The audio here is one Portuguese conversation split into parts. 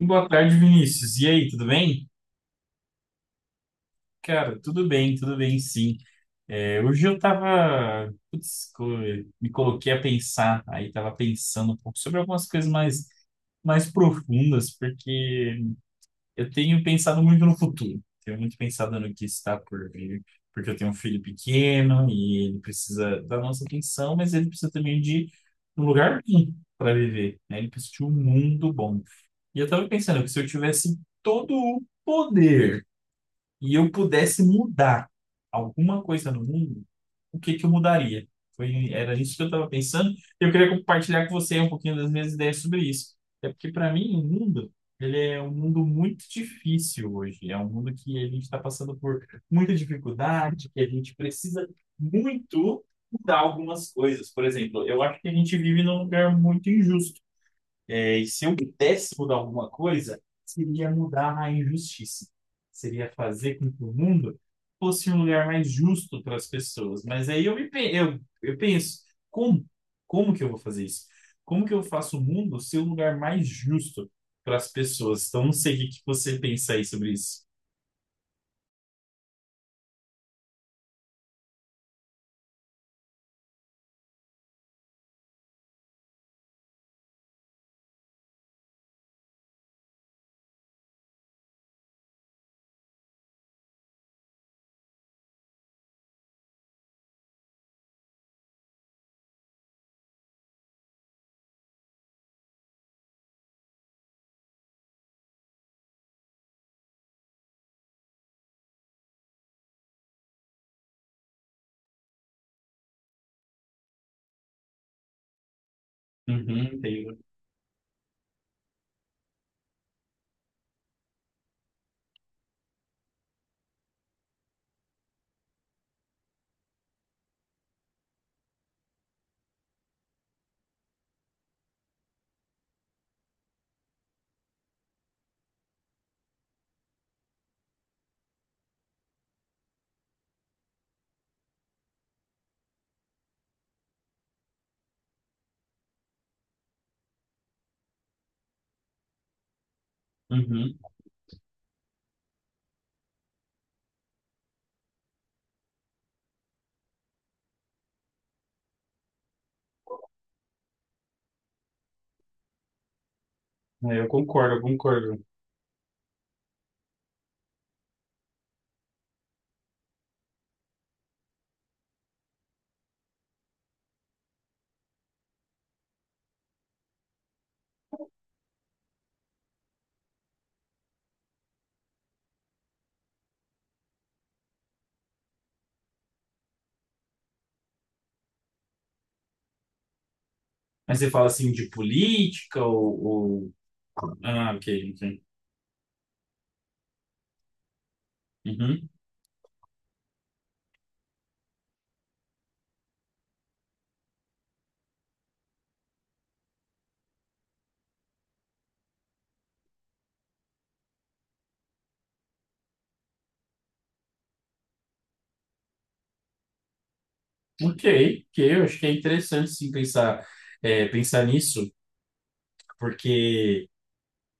Boa tarde, Vinícius. E aí, tudo bem? Cara, tudo bem, sim. É, hoje eu tava, putz, me coloquei a pensar, aí tava pensando um pouco sobre algumas coisas mais profundas, porque eu tenho pensado muito no futuro. Tenho muito pensado no que está por vir, porque eu tenho um filho pequeno e ele precisa da nossa atenção, mas ele precisa também de um lugar bom para viver, né? Ele precisa de um mundo bom. E eu tava pensando que se eu tivesse todo o poder e eu pudesse mudar alguma coisa no mundo, o que que eu mudaria? Era isso que eu estava pensando. Eu queria compartilhar com você um pouquinho das minhas ideias sobre isso. É porque, para mim, o mundo, ele é um mundo muito difícil hoje. É um mundo que a gente está passando por muita dificuldade, que a gente precisa muito mudar algumas coisas. Por exemplo, eu acho que a gente vive num lugar muito injusto. E se eu pudesse mudar alguma coisa, seria mudar a injustiça. Seria fazer com que o mundo fosse um lugar mais justo para as pessoas. Mas aí eu penso, como? Como que eu vou fazer isso? Como que eu faço o mundo ser um lugar mais justo para as pessoas? Então, não sei o que que você pensa aí sobre isso. Uhum, entendo. Uhum. É, eu concordo, eu concordo. Mas você fala assim de política ou... Ah, ok, ok. Uhum. Ok, que eu acho que é interessante sim pensar, pensar nisso, porque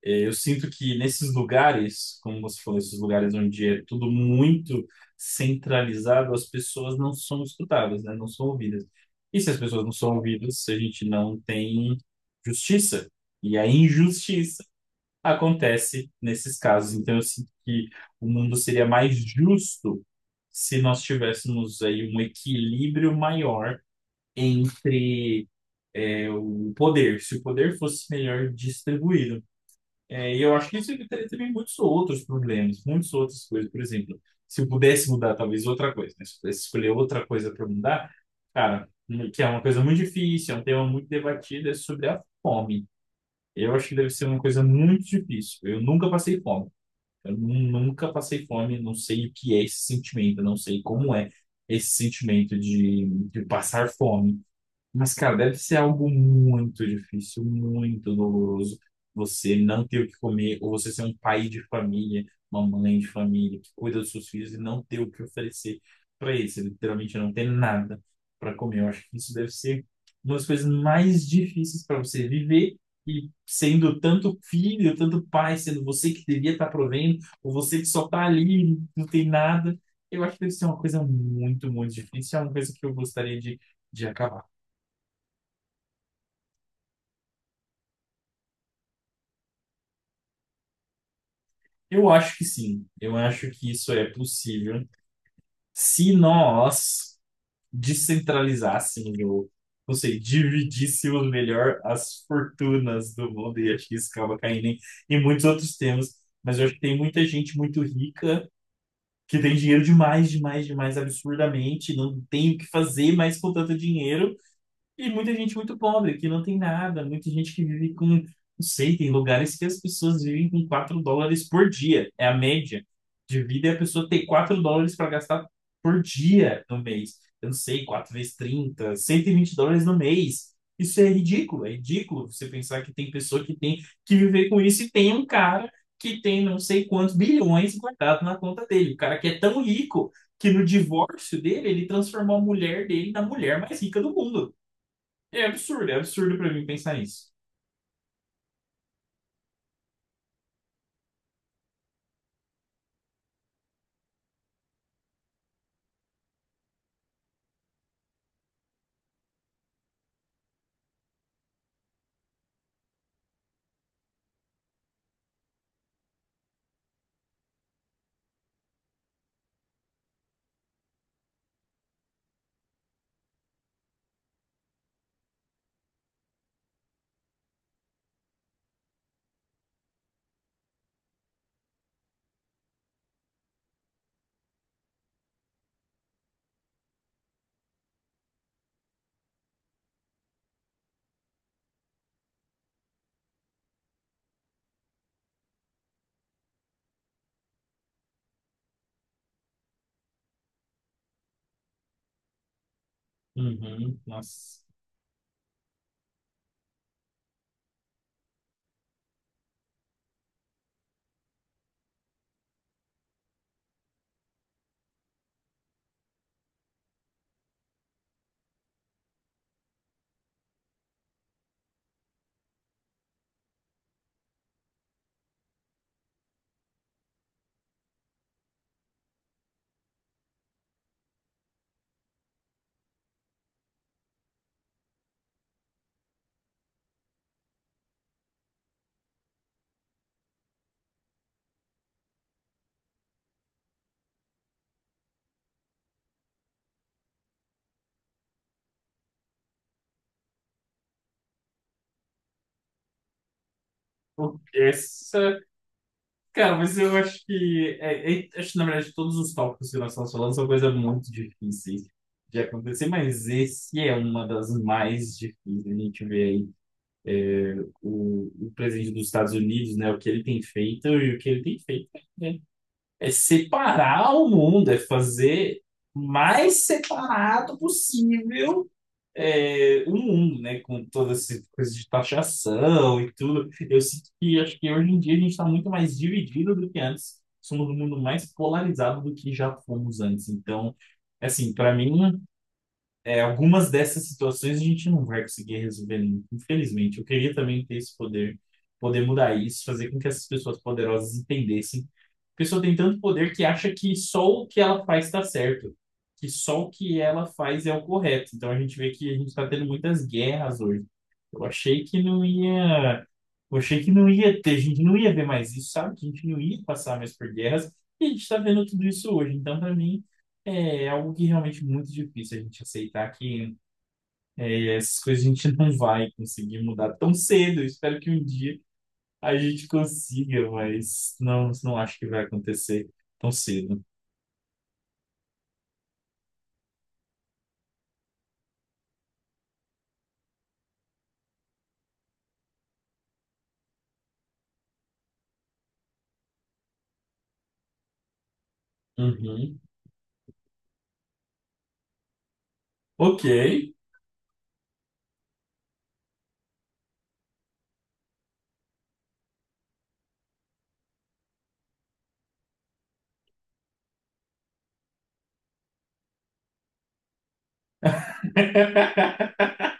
eu sinto que nesses lugares, como você falou, esses lugares onde é tudo muito centralizado, as pessoas não são escutadas, né? Não são ouvidas. E se as pessoas não são ouvidas, a gente não tem justiça. E a injustiça acontece nesses casos. Então eu sinto que o mundo seria mais justo se nós tivéssemos aí um equilíbrio maior entre o poder, se o poder fosse melhor distribuído. É, e eu acho que isso evitaria também muitos outros problemas, muitas outras coisas. Por exemplo, se eu pudesse mudar talvez outra coisa, né? Se eu pudesse escolher outra coisa para mudar, cara, que é uma coisa muito difícil, é um tema muito debatido, é sobre a fome. Eu acho que deve ser uma coisa muito difícil. Eu nunca passei fome. Nunca passei fome, não sei o que é esse sentimento, não sei como é esse sentimento de passar fome. Mas, cara, deve ser algo muito difícil, muito doloroso você não ter o que comer, ou você ser um pai de família, uma mãe de família que cuida dos seus filhos e não ter o que oferecer para eles. Você literalmente não tem nada para comer. Eu acho que isso deve ser uma das coisas mais difíceis para você viver. E sendo tanto filho, tanto pai, sendo você que devia estar provendo, ou você que só está ali, não tem nada, eu acho que deve ser uma coisa muito, muito difícil. É uma coisa que eu gostaria de acabar. Eu acho que sim. Eu acho que isso é possível se nós descentralizássemos, ou não sei, dividíssemos melhor as fortunas do mundo, e acho que isso acaba caindo em muitos outros temas. Mas eu acho que tem muita gente muito rica que tem dinheiro demais, demais, demais, absurdamente, não tem o que fazer mais com tanto dinheiro. E muita gente muito pobre, que não tem nada, muita gente que vive com, não sei, tem lugares que as pessoas vivem com 4 dólares por dia, é a média de vida, é a pessoa ter 4 dólares para gastar por dia no mês. Eu não sei, 4 vezes 30, 120 dólares no mês. Isso é ridículo você pensar que tem pessoa que tem que viver com isso e tem um cara que tem não sei quantos bilhões guardado na conta dele. O cara que é tão rico que no divórcio dele ele transformou a mulher dele na mulher mais rica do mundo. É absurdo pra mim pensar isso. Uhum. Nossa. O- Essa. Cara, mas eu acho que... Acho que, na verdade, todos os tópicos que nós estamos falando são coisas muito difíceis de acontecer, mas esse é uma das mais difíceis. A gente vê aí o presidente dos Estados Unidos, né? O que ele tem feito e o que ele tem feito é, é separar o mundo, é fazer mais separado possível, o mundo, né? Com todas essas coisas de taxação e tudo. Eu sinto que acho que hoje em dia a gente está muito mais dividido do que antes. Somos um mundo mais polarizado do que já fomos antes. Então, assim, para mim, algumas dessas situações a gente não vai conseguir resolver, infelizmente. Eu queria também ter esse poder, poder mudar isso, fazer com que essas pessoas poderosas entendessem. A pessoa tem tanto poder que acha que só o que ela faz está certo, que só o que ela faz é o correto. Então a gente vê que a gente está tendo muitas guerras hoje. Eu achei que não ia, eu achei que não ia ter, a gente não ia ver mais isso, sabe? Que a gente não ia passar mais por guerras. E a gente está vendo tudo isso hoje. Então, para mim é algo que realmente é muito difícil a gente aceitar que, essas coisas a gente não vai conseguir mudar tão cedo. Eu espero que um dia a gente consiga, mas não, não acho que vai acontecer tão cedo. Uhum. Ok.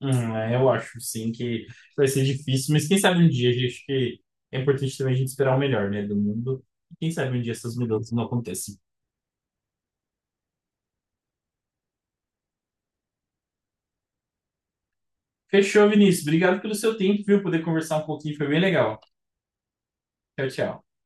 Eu acho sim que vai ser difícil, mas quem sabe um dia, acho que é importante também a gente esperar o melhor, né, do mundo. Quem sabe um dia essas mudanças não acontecem. Fechou, Vinícius. Obrigado pelo seu tempo, viu? Poder conversar um pouquinho foi bem legal. Tchau, tchau.